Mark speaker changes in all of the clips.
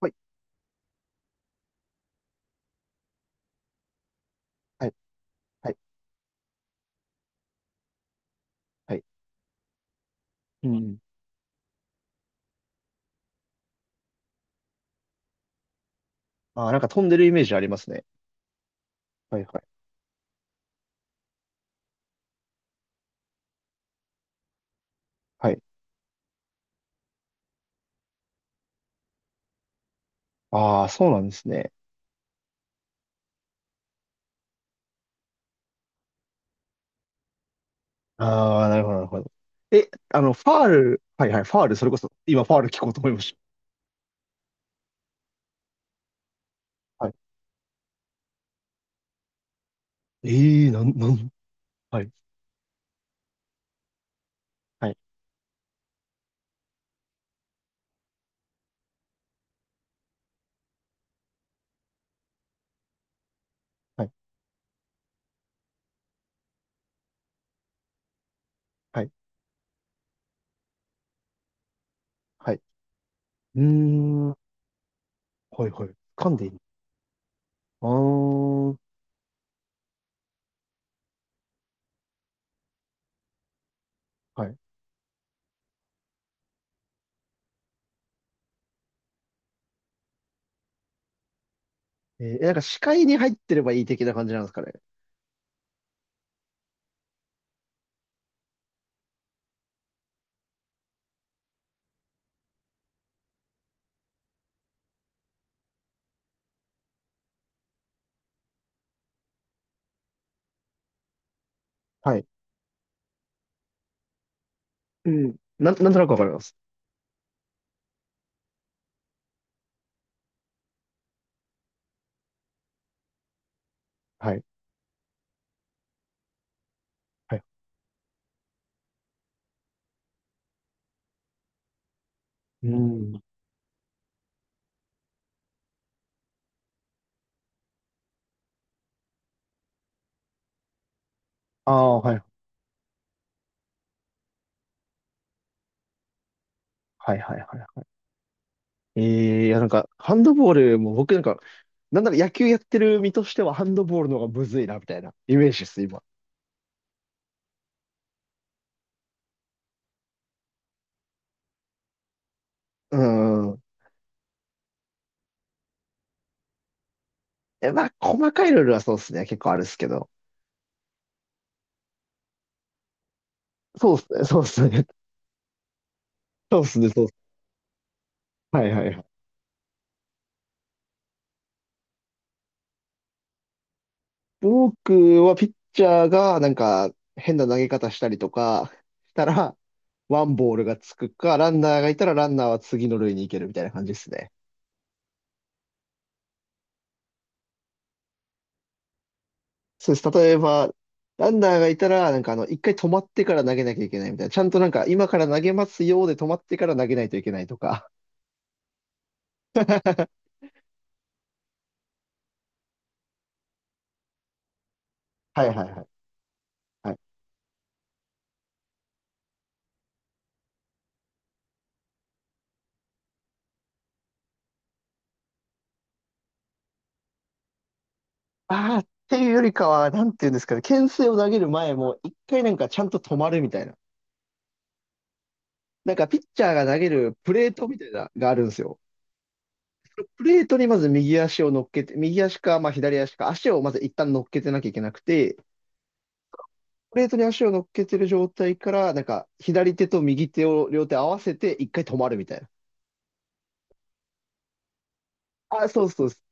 Speaker 1: はい、はい、はい、はい。うん。ああ、なんか飛んでるイメージありますね。はい、はい、はい。ああ、そうなんですね。ああ、なるほど、なるほど。え、あの、ファール、はい、はい、ファール、それこそ、今、ファール聞こうと思いました。はい。ええーなん、なん、はい、はい、はい、はい、はい。うーん、はい、はい。噛んでいいの、ああー、はい。えー、視界に入ってればいい的な感じなんですかね。はい。うん。なんとなくわかります。はい、はい。うん。ああ、はい、はい、はい、はい。ええいや、ハンドボールも僕なんか、なんなら野球やってる身としてはハンドボールの方がむずいな、みたいなイメージです、今。うん。え、まあ、細かいルールはそうですね。結構あるっすけど。そうっすね、そうっすね。そうっすね、そうっす。はいはいはい。僕はピッチャーがなんか変な投げ方したりとかしたら、ワンボールがつくか、ランナーがいたらランナーは次の塁に行けるみたいな感じですね。そうです。例えば、ランナーがいたら、なんかあの、一回止まってから投げなきゃいけないみたいな。ちゃんとなんか、今から投げますよで止まってから投げないといけないとか。はいはいはい。はい。ああ、っていうよりかは、なんていうんですかね、牽制を投げる前も、一回なんかちゃんと止まるみたいな。なんか、ピッチャーが投げるプレートみたいな、があるんですよ。プレートにまず右足を乗っけて、右足か、まあ左足か、足をまず一旦乗っけてなきゃいけなくて、プレートに足を乗っけてる状態から、なんか、左手と右手を両手合わせて、一回止まるみたいな。あ、そうそうです。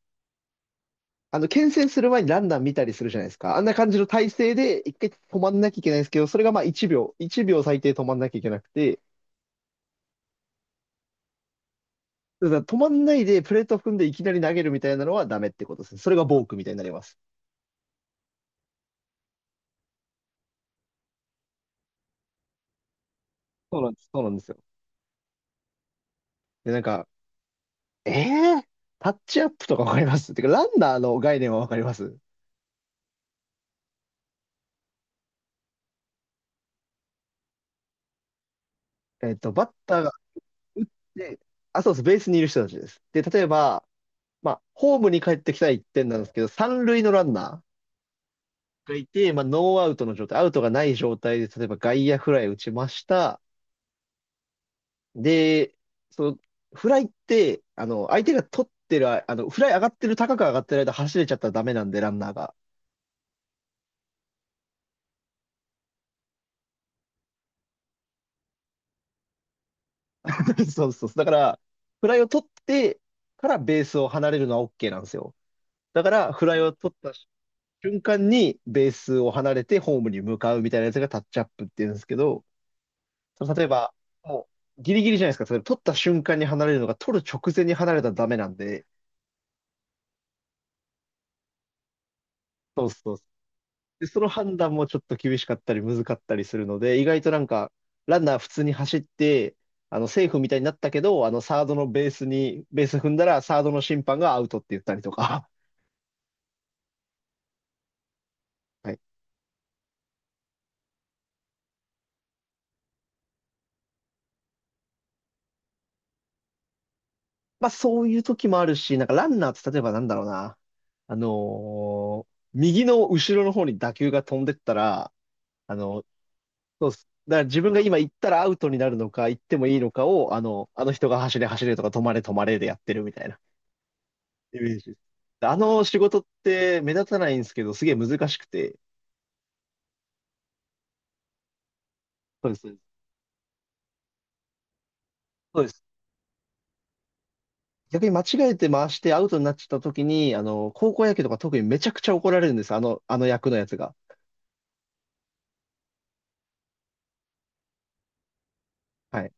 Speaker 1: あの、牽制する前にランナー見たりするじゃないですか。あんな感じの体勢で、一回止まんなきゃいけないんですけど、それがまあ1秒、1秒最低止まんなきゃいけなくて、だから止まんないでプレート踏んでいきなり投げるみたいなのはダメってことですね。それがボークみたいになります。そうなんです、そうなんですよ。で、なんか、えー、タッチアップとかわかります、てか、ランナーの概念はわかります？えっと、バッター打って、あ、そうです、ベースにいる人たちです。で、例えば、まあ、ホームに帰ってきたら1点なんですけど、三塁のランナーがいて、まあ、ノーアウトの状態、アウトがない状態で、例えば外野フライ打ちました。で、その、フライって、あの、相手が取ってる、ああの、フライ上がってる、高く上がってる間走れちゃったらダメなんで、ランナーが。そうそう。だから、フライを取ってからベースを離れるのは OK なんですよ。だから、フライを取った瞬間にベースを離れてホームに向かうみたいなやつがタッチアップっていうんですけど、その例えば、もうギリギリじゃないですか。例えば取った瞬間に離れるのが取る直前に離れたらダメなんで、そうそう。で、その判断もちょっと厳しかったり難かったりするので、意外となんか、ランナー普通に走って、あの、セーフみたいになったけど、あの、サードのベースに、ベース踏んだら、サードの審判がアウトって言ったりとか。はい、まあそういう時もあるし、なんかランナーって例えばなんだろうな。あのー右の後ろの方に打球が飛んでったら、あの、そうっす。だから自分が今行ったらアウトになるのか、行ってもいいのかを、あの、あの人が走れ走れとか止まれ止まれでやってるみたいなイメージです。であの仕事って目立たないんですけど、すげえ難しくて。そうです、そうです。そうです、逆に間違えて回してアウトになっちゃった時に、あの、高校野球とか特にめちゃくちゃ怒られるんです。あの、あの役のやつが。はい。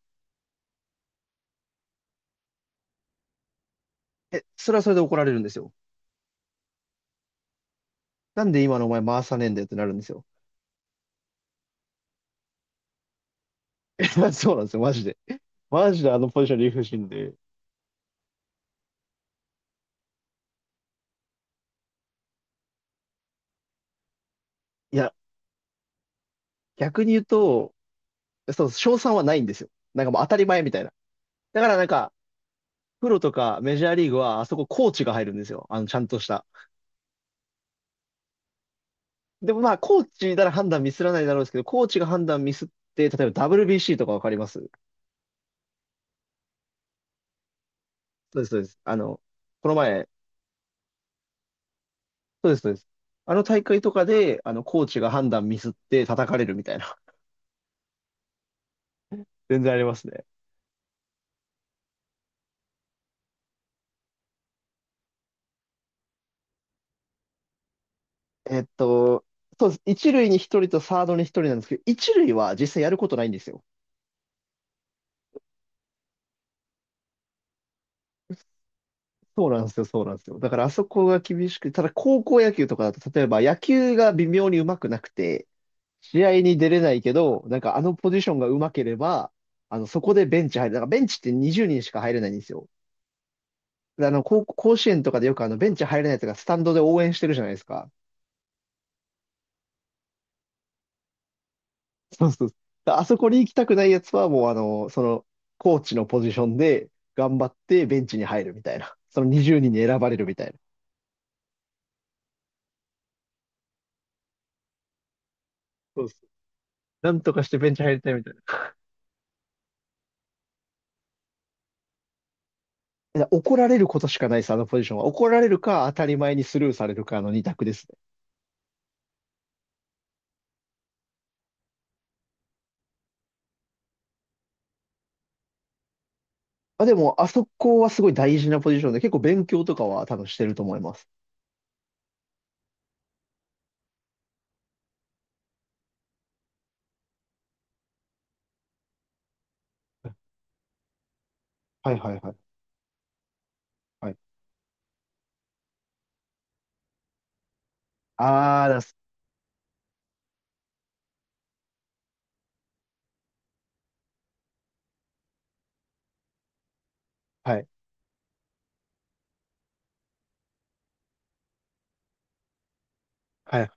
Speaker 1: え、それはそれで怒られるんですよ。なんで今のお前回さねえんだよってなるんですよ。そうなんですよ、マジで。マジであのポジション理不尽で。いや、逆に言うと、そう、賞賛はないんですよ。なんかもう当たり前みたいな。だからなんか、プロとかメジャーリーグは、あそこコーチが入るんですよ。あの、ちゃんとした。でもまあ、コーチなら判断ミスらないだろうですけど、コーチが判断ミスって、例えば WBC とかわかります？そうです、そうです。あの、この前、そうです、そうです。あの大会とかで、あの、コーチが判断ミスって叩かれるみたいな。全然ありますね。えっと、そうです。一塁に一人とサードに一人なんですけど、一塁は実際やることないんですよ。そうなんですよ、そうなんですよ。だからあそこが厳しく、ただ高校野球とかだと、例えば野球が微妙に上手くなくて、試合に出れないけど、なんかあのポジションが上手ければ、あの、そこでベンチ入る。だからベンチって20人しか入れないんですよ。であの、高校、甲子園とかでよくあの、ベンチ入れないとか、スタンドで応援してるじゃないですか。そうそう。あそこに行きたくないやつは、もうあの、その、コーチのポジションで頑張ってベンチに入るみたいな。その20人にんに選ばれるみたいな。そうそう。なんとかしてベンチ入りたいみたいな。いや怒られることしかないです、あのポジションは。怒られるか、当たり前にスルーされるかの二択ですね。あ、でも、あそこはすごい大事なポジションで、結構勉強とかは多分してると思います。はいはいはい。はい。あー、だすはい。はい。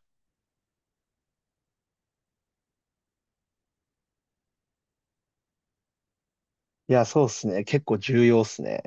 Speaker 1: いや、そうっすね。結構重要っすね。